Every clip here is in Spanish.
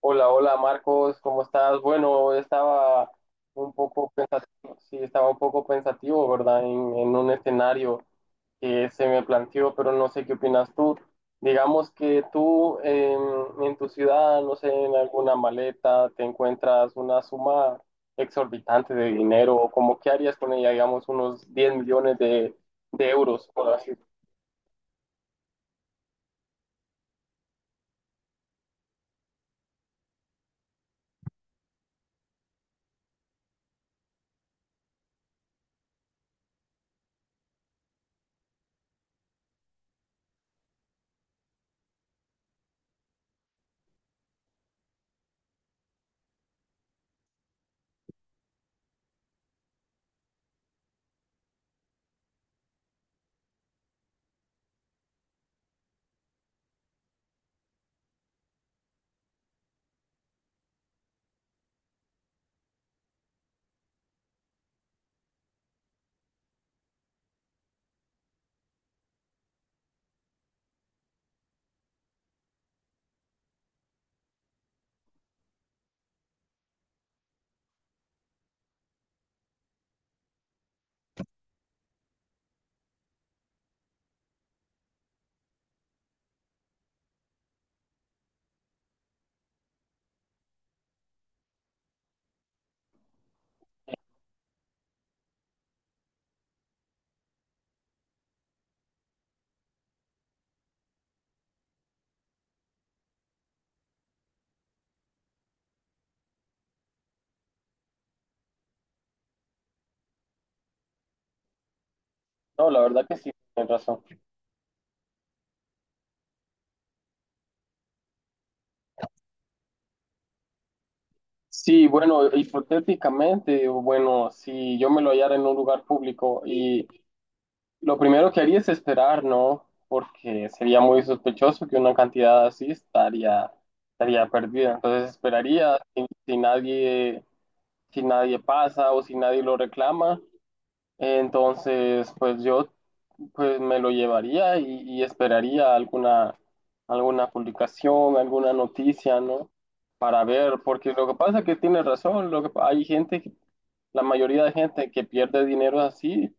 Hola, hola Marcos, ¿cómo estás? Bueno, estaba un poco pensativo, sí, estaba un poco pensativo, ¿verdad? En un escenario que se me planteó, pero no sé qué opinas tú. Digamos que en tu ciudad, no sé, en alguna maleta, te encuentras una suma exorbitante de dinero, o como qué harías con ella, digamos, unos 10 millones de euros, por así. No, la verdad que sí, tienes razón. Sí, bueno, hipotéticamente, o bueno, si yo me lo hallara en un lugar público y lo primero que haría es esperar, ¿no? Porque sería muy sospechoso que una estaría perdida. Entonces esperaría si nadie pasa o si nadie lo reclama, entonces pues yo pues me lo llevaría y, alguna publicación, alguna noticia, ¿no? Para ver, porque lo que pasa es que tiene razón, lo que, hay la mayoría de gente que pierde dinero así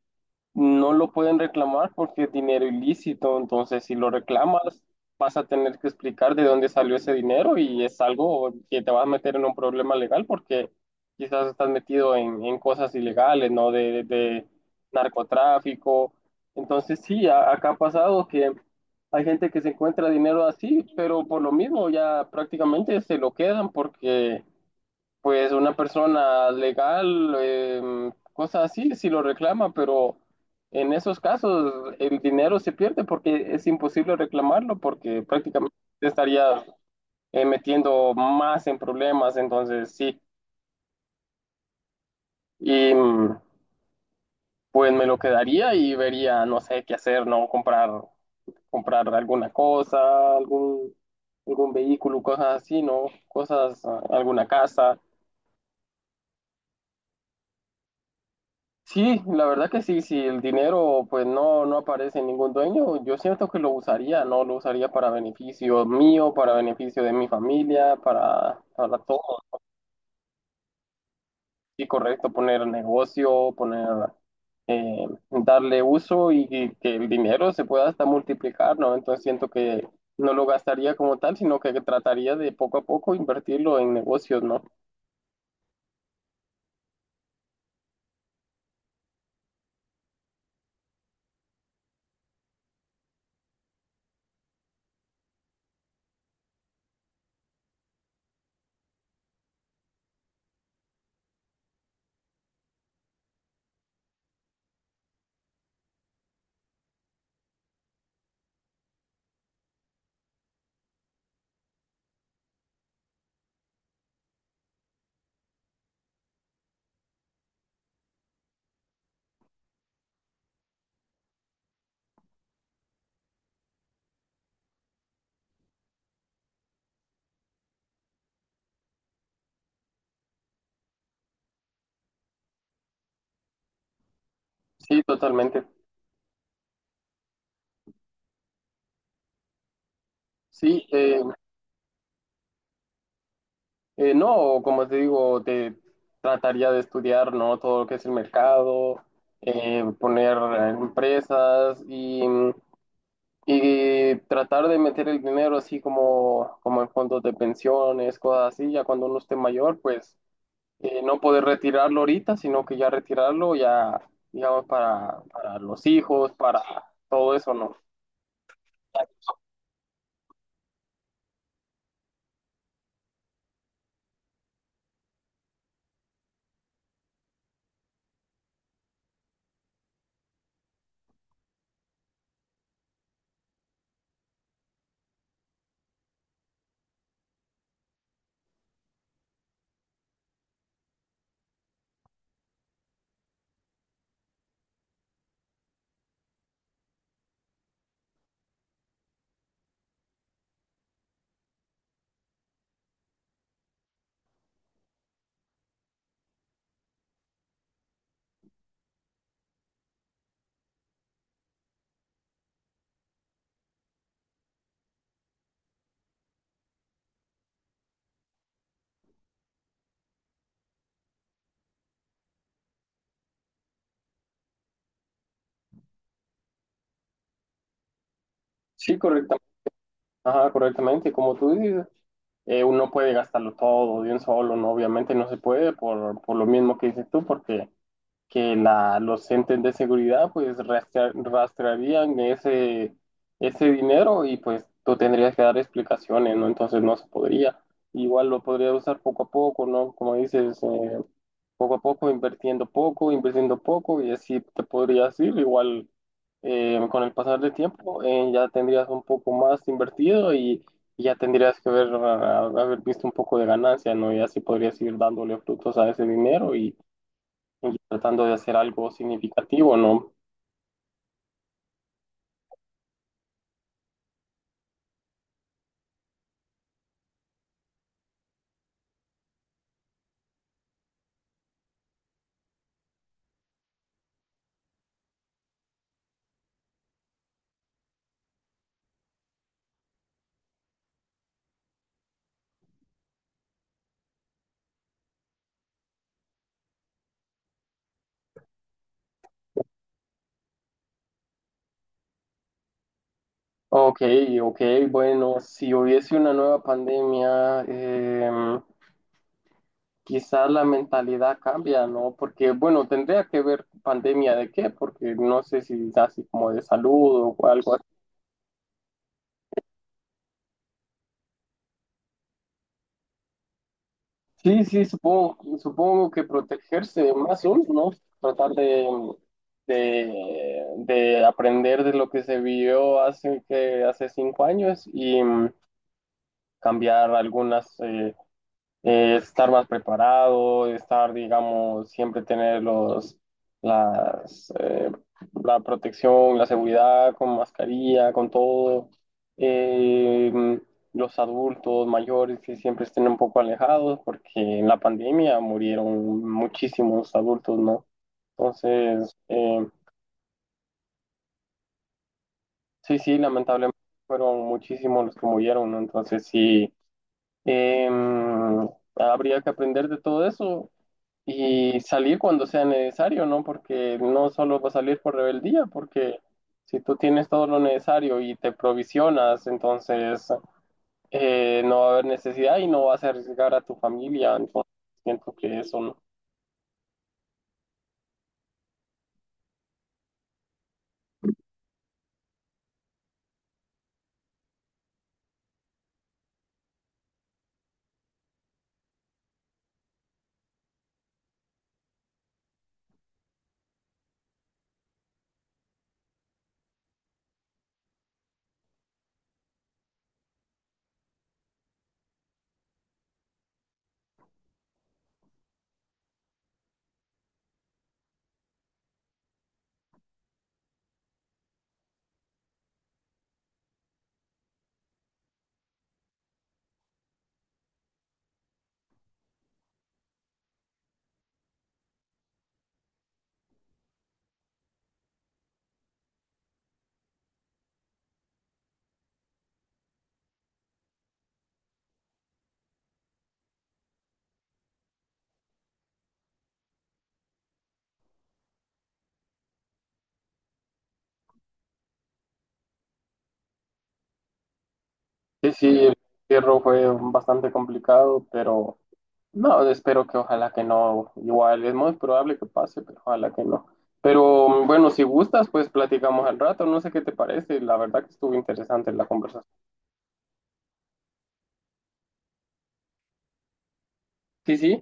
no lo pueden reclamar porque es dinero ilícito. Entonces si lo reclamas vas a tener que explicar de dónde salió ese dinero y es algo que te vas a meter en un problema legal, porque quizás estás metido en cosas ilegales, ¿no? De narcotráfico. Entonces sí, acá ha pasado que hay gente que se encuentra dinero así, pero por lo mismo ya prácticamente se lo quedan, porque pues una persona legal, cosas así, si lo reclama, pero en esos casos el dinero se pierde porque es imposible reclamarlo, porque prácticamente te estaría metiendo más en problemas. Entonces sí, y pues me lo quedaría y vería, no sé qué hacer, no comprar alguna cosa, algún vehículo, cosas así, no, cosas, ah, alguna casa. Sí, la verdad que sí, si el dinero pues no, no aparece en ningún dueño, yo siento que lo usaría, ¿no? Lo usaría para beneficio mío, para beneficio de mi familia, para todo. Sí, correcto, poner eh, darle uso y que el dinero se pueda hasta multiplicar, ¿no? Entonces siento que no lo gastaría como tal, sino que trataría de poco a poco invertirlo en negocios, ¿no? Sí, totalmente. Sí, eh, no, como te digo, te trataría de estudiar, ¿no? Todo lo que es el mercado, poner empresas y tratar de meter el dinero así como en fondos de pensiones, cosas así, ya cuando uno esté mayor, pues no poder retirarlo ahorita, sino que ya retirarlo ya, digamos, para los hijos, para todo eso, ¿no? Sí, correcto. Ajá, correctamente. Y como tú dices, uno puede gastarlo todo de un solo, ¿no? Obviamente no se puede por lo mismo que dices tú, porque que la, los entes de seguridad pues rastrearían ese dinero y pues tú tendrías que dar explicaciones, ¿no? Entonces no se podría. Igual lo podría usar poco a poco, ¿no? Como dices, poco a poco, invirtiendo poco, invirtiendo poco, y así te podrías ir. Igual con el pasar del tiempo ya tendrías un poco más invertido y ya tendrías que ver, ah, haber visto un poco de ganancia, ¿no? Y así podrías ir dándole frutos a ese dinero y tratando de hacer algo significativo, ¿no? Ok, ok, bueno, si hubiese una nueva pandemia, quizás la mentalidad cambia, ¿no? Porque, bueno, tendría que ver pandemia de qué, porque no sé si es así como de salud o algo así. Sí, sí, supongo, supongo que protegerse más uno, ¿no? Tratar de aprender de lo que se vio hace, que, hace 5 años y cambiar algunas... estar más preparado, estar, digamos, siempre tener las, eh, la protección, la seguridad con mascarilla, con todo. Eh, los adultos mayores que siempre estén un poco alejados, porque en la pandemia murieron muchísimos adultos, ¿no? Entonces, sí, sí, lamentablemente fueron muchísimos los que murieron, ¿no? Entonces, sí, eh, habría que aprender de todo eso y salir cuando sea necesario, ¿no? Porque no solo va a salir por rebeldía, porque si tú tienes todo lo necesario y te provisionas, entonces no va a haber necesidad y no vas a arriesgar a tu familia. Entonces siento que eso, ¿no? Sí, sí, el encierro fue bastante complicado, pero no, espero que ojalá que no. Igual es muy probable que pase, pero ojalá que no. Pero bueno, si gustas, pues platicamos al rato. No sé qué te parece. La verdad que estuvo interesante la conversación. Sí, sí.